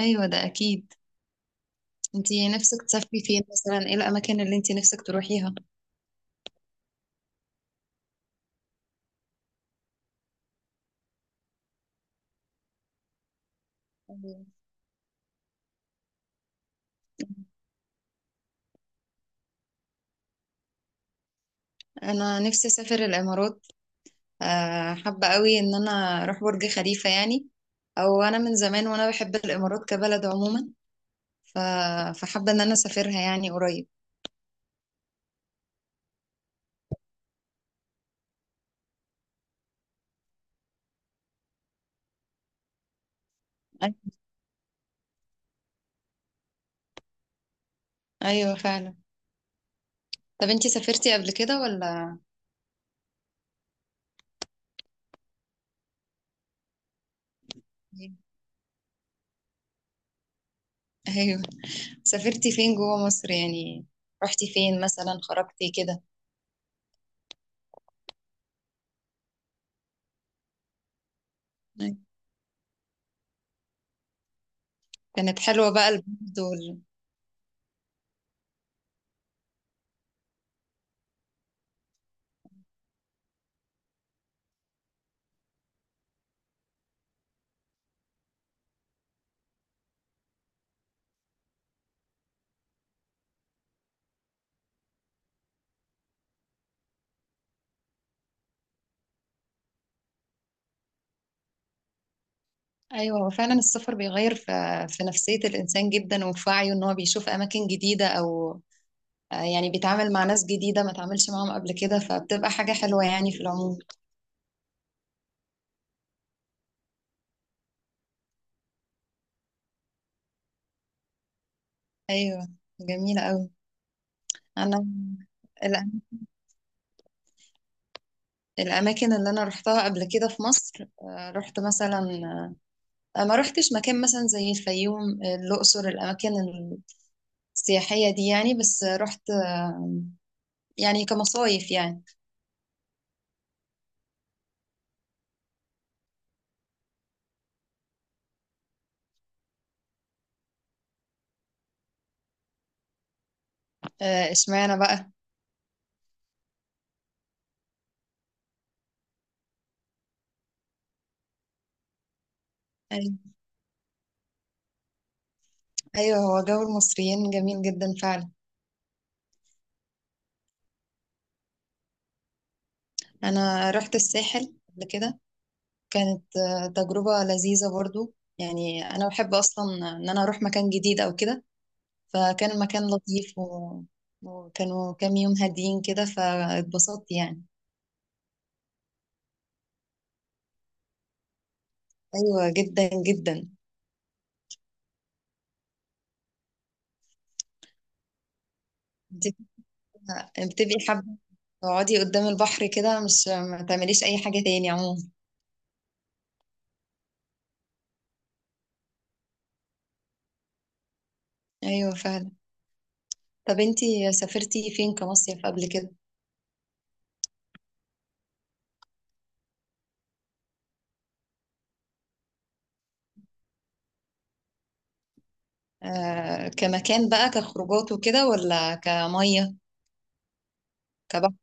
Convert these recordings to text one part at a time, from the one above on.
ايوه ده اكيد. انتي نفسك تسافري فين مثلا؟ ايه الاماكن اللي انتي نفسك تروحيها؟ أيوة. انا نفسي اسافر الامارات. حابه قوي ان انا اروح برج خليفه يعني. او انا من زمان وانا بحب الامارات كبلد عموما. ف... فحابه ان انا اسافرها يعني قريب. ايوه، ايوه فعلا. طب انتي سافرتي قبل كده ولا؟ إيه؟ ايوه. سافرتي فين جوه مصر يعني؟ رحتي فين مثلا خرجتي كده؟ أيوة. كانت حلوة بقى البلد ايوه هو فعلا السفر بيغير في في نفسية الانسان جدا وفي وعيه ان هو بيشوف اماكن جديدة، او يعني بيتعامل مع ناس جديدة ما تعاملش معاهم قبل كده، فبتبقى حاجة حلوة يعني في العموم. ايوه، جميلة قوي. انا الأ- الأماكن اللي أنا رحتها قبل كده في مصر، رحت مثلا، ما رحتش مكان مثلا زي الفيوم، الأقصر، الأماكن السياحية دي يعني. بس رحت يعني كمصايف يعني. اشمعنى بقى؟ أي- ايوه هو جو المصريين جميل جدا فعلا. انا رحت الساحل قبل كده. كانت تجربة لذيذة برضو يعني. انا بحب اصلا ان انا اروح مكان جديد او كده، فكان المكان لطيف وكانوا كام يوم هاديين كده، فاتبسطت يعني. ايوه جدا جدا. انت بتبقي حابة تقعدي قدام البحر كده، مش ما تعمليش اي حاجة تاني عموما؟ ايوه فعلا. طب انتي سافرتي فين كمصيف قبل كده؟ آه، كمكان بقى، كخروجات وكده، ولا كمية؟ كبحر؟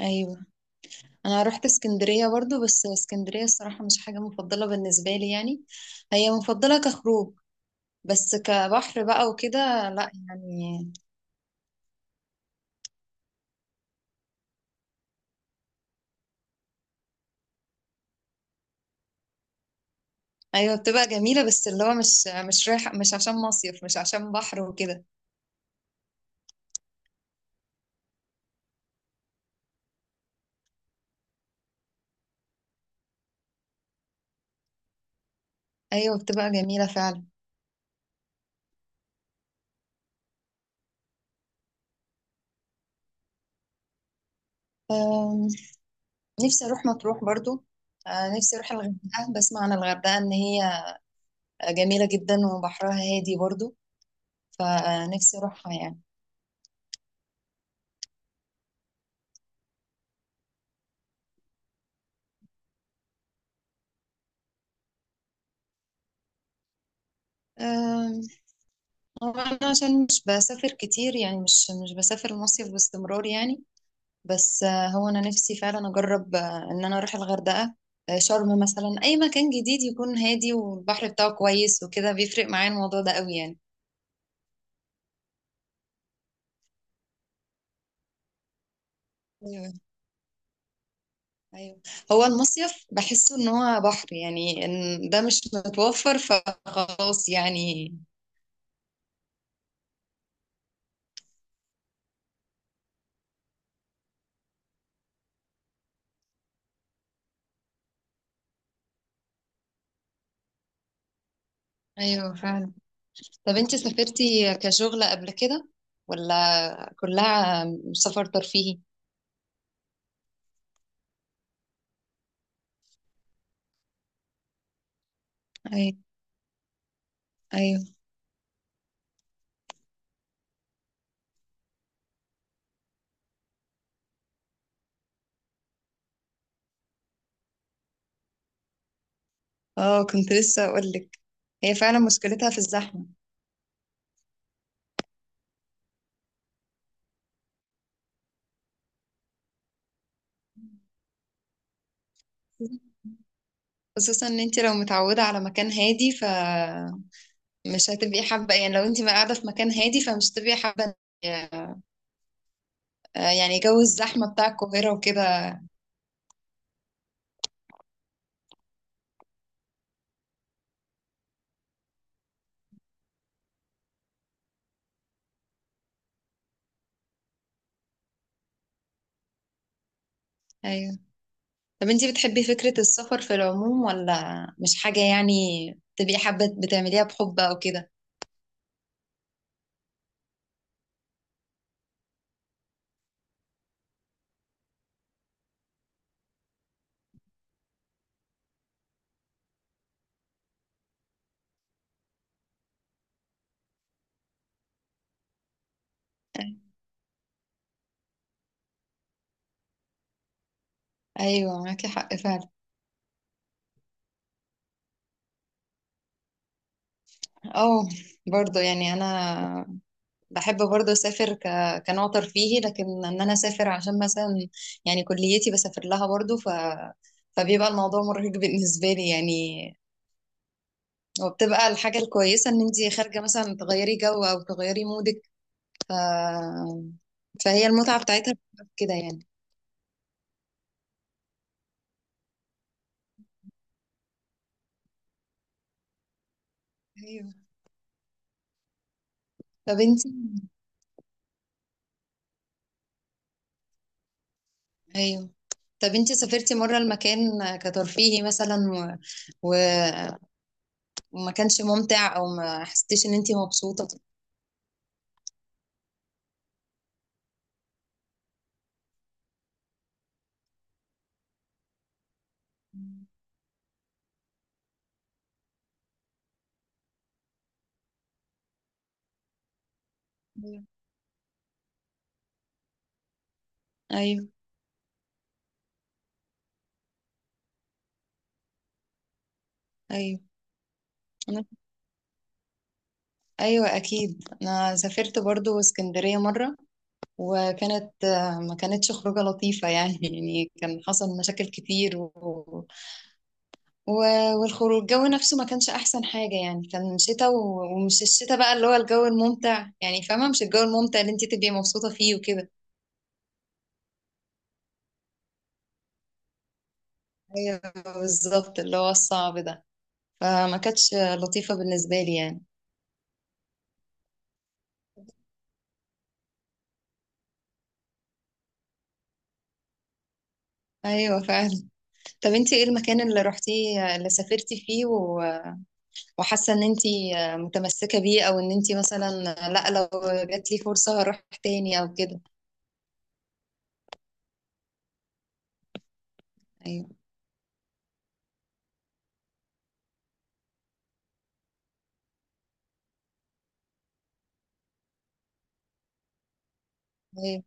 ايوه. انا رحت اسكندرية برضو، بس اسكندرية الصراحة مش حاجة مفضلة بالنسبة لي يعني. هي مفضلة كخروج، بس كبحر بقى وكده لا يعني. ايوه بتبقى جميلة، بس اللي هو مش رايح، مش عشان مصيف، مش عشان بحر وكده. ايوه بتبقى جميلة فعلا. أم، نفسي اروح مطروح برضو. نفسي اروح الغردقة. بسمع عن الغردقة ان هي جميلة جدا وبحرها هادي برضو، فنفسي أروحها يعني. أم، هو أنا عشان مش بسافر كتير يعني، مش بسافر المصيف باستمرار يعني. بس هو أنا نفسي فعلا أجرب إن أنا أروح الغردقة، شرم مثلا، أي مكان جديد يكون هادي والبحر بتاعه كويس وكده. بيفرق معايا الموضوع ده قوي يعني. أيوه، أيوه. هو المصيف بحسه إن هو بحر يعني، إن ده مش متوفر فخلاص يعني. أيوه فعلا. طب انت سافرتي كشغل قبل كده، ولا كلها سفر ترفيهي؟ أي، أيوة. اه كنت لسه أقولك، هي فعلا مشكلتها في الزحمة. خصوصا ان انت لو متعودة على مكان هادي فمش هتبقي حابة يعني. لو انت قاعدة في مكان هادي فمش هتبقي حابة يعني جو الزحمة بتاع القاهرة وكده. أيوة. طب انت بتحبي فكرة السفر في العموم، ولا مش حاجة يعني تبقي حابة بتعمليها بحب أو كده؟ أيوة معاكي حق فعلا. اه برضو يعني. انا بحب برضو اسافر كنوع ترفيهي، لكن ان انا اسافر عشان مثلا يعني كليتي بسافر لها برضو، فبيبقى الموضوع مرهق بالنسبة لي يعني. وبتبقى الحاجة الكويسة ان انتي خارجة مثلا تغيري جو او تغيري مودك. ف... فهي المتعة بتاعتها بتبقى في كده يعني. ايوه. طب انتي ايوه طب انتي سافرتي مرة المكان كترفيهي مثلا و... وما كانش ممتع، او ما حسيتيش ان انتي مبسوطة؟ مم. ايوه، ايوه. انا، ايوه اكيد. انا سافرت برضو اسكندريه مره، وكانت ما كانتش خروجه لطيفه يعني يعني كان حصل مشاكل كتير و... والخروج، الجو نفسه ما كانش احسن حاجه يعني. كان شتاء ومش الشتاء بقى اللي هو الجو الممتع يعني، فاهمه؟ مش الجو الممتع اللي انت تبقي مبسوطه فيه وكده. ايوه بالظبط، اللي هو الصعب ده. فما كانتش لطيفه بالنسبه لي يعني. ايوه فعلا. طب انت ايه المكان اللي رحتيه اللي سافرتي فيه وحاسه ان انت متمسكه بيه، او ان انت مثلا، لا لو جات لي فرصه هروح تاني او كده؟ ايوه، ايوه،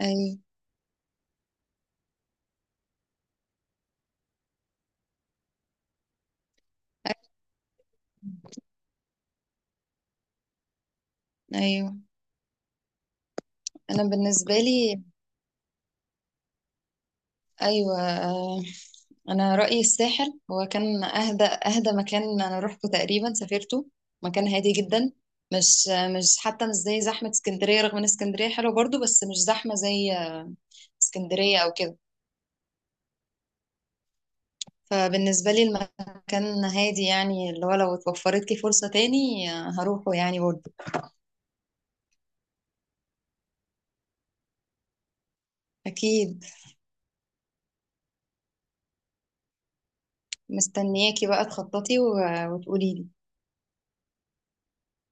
ايوه، ايوه. انا بالنسبه لي، ايوه، انا رايي الساحل هو كان اهدى. اهدى مكان انا روحته تقريبا، سافرته مكان هادي جدا. مش مش حتى مش زي زحمه اسكندريه، رغم ان اسكندريه حلوه برضو، بس مش زحمه زي اسكندريه او كده. فبالنسبة لي المكان هادي يعني، اللي هو لو اتوفرت لي فرصة تاني هروحه يعني برضه. أكيد. مستنياكي بقى تخططي وتقولي لي.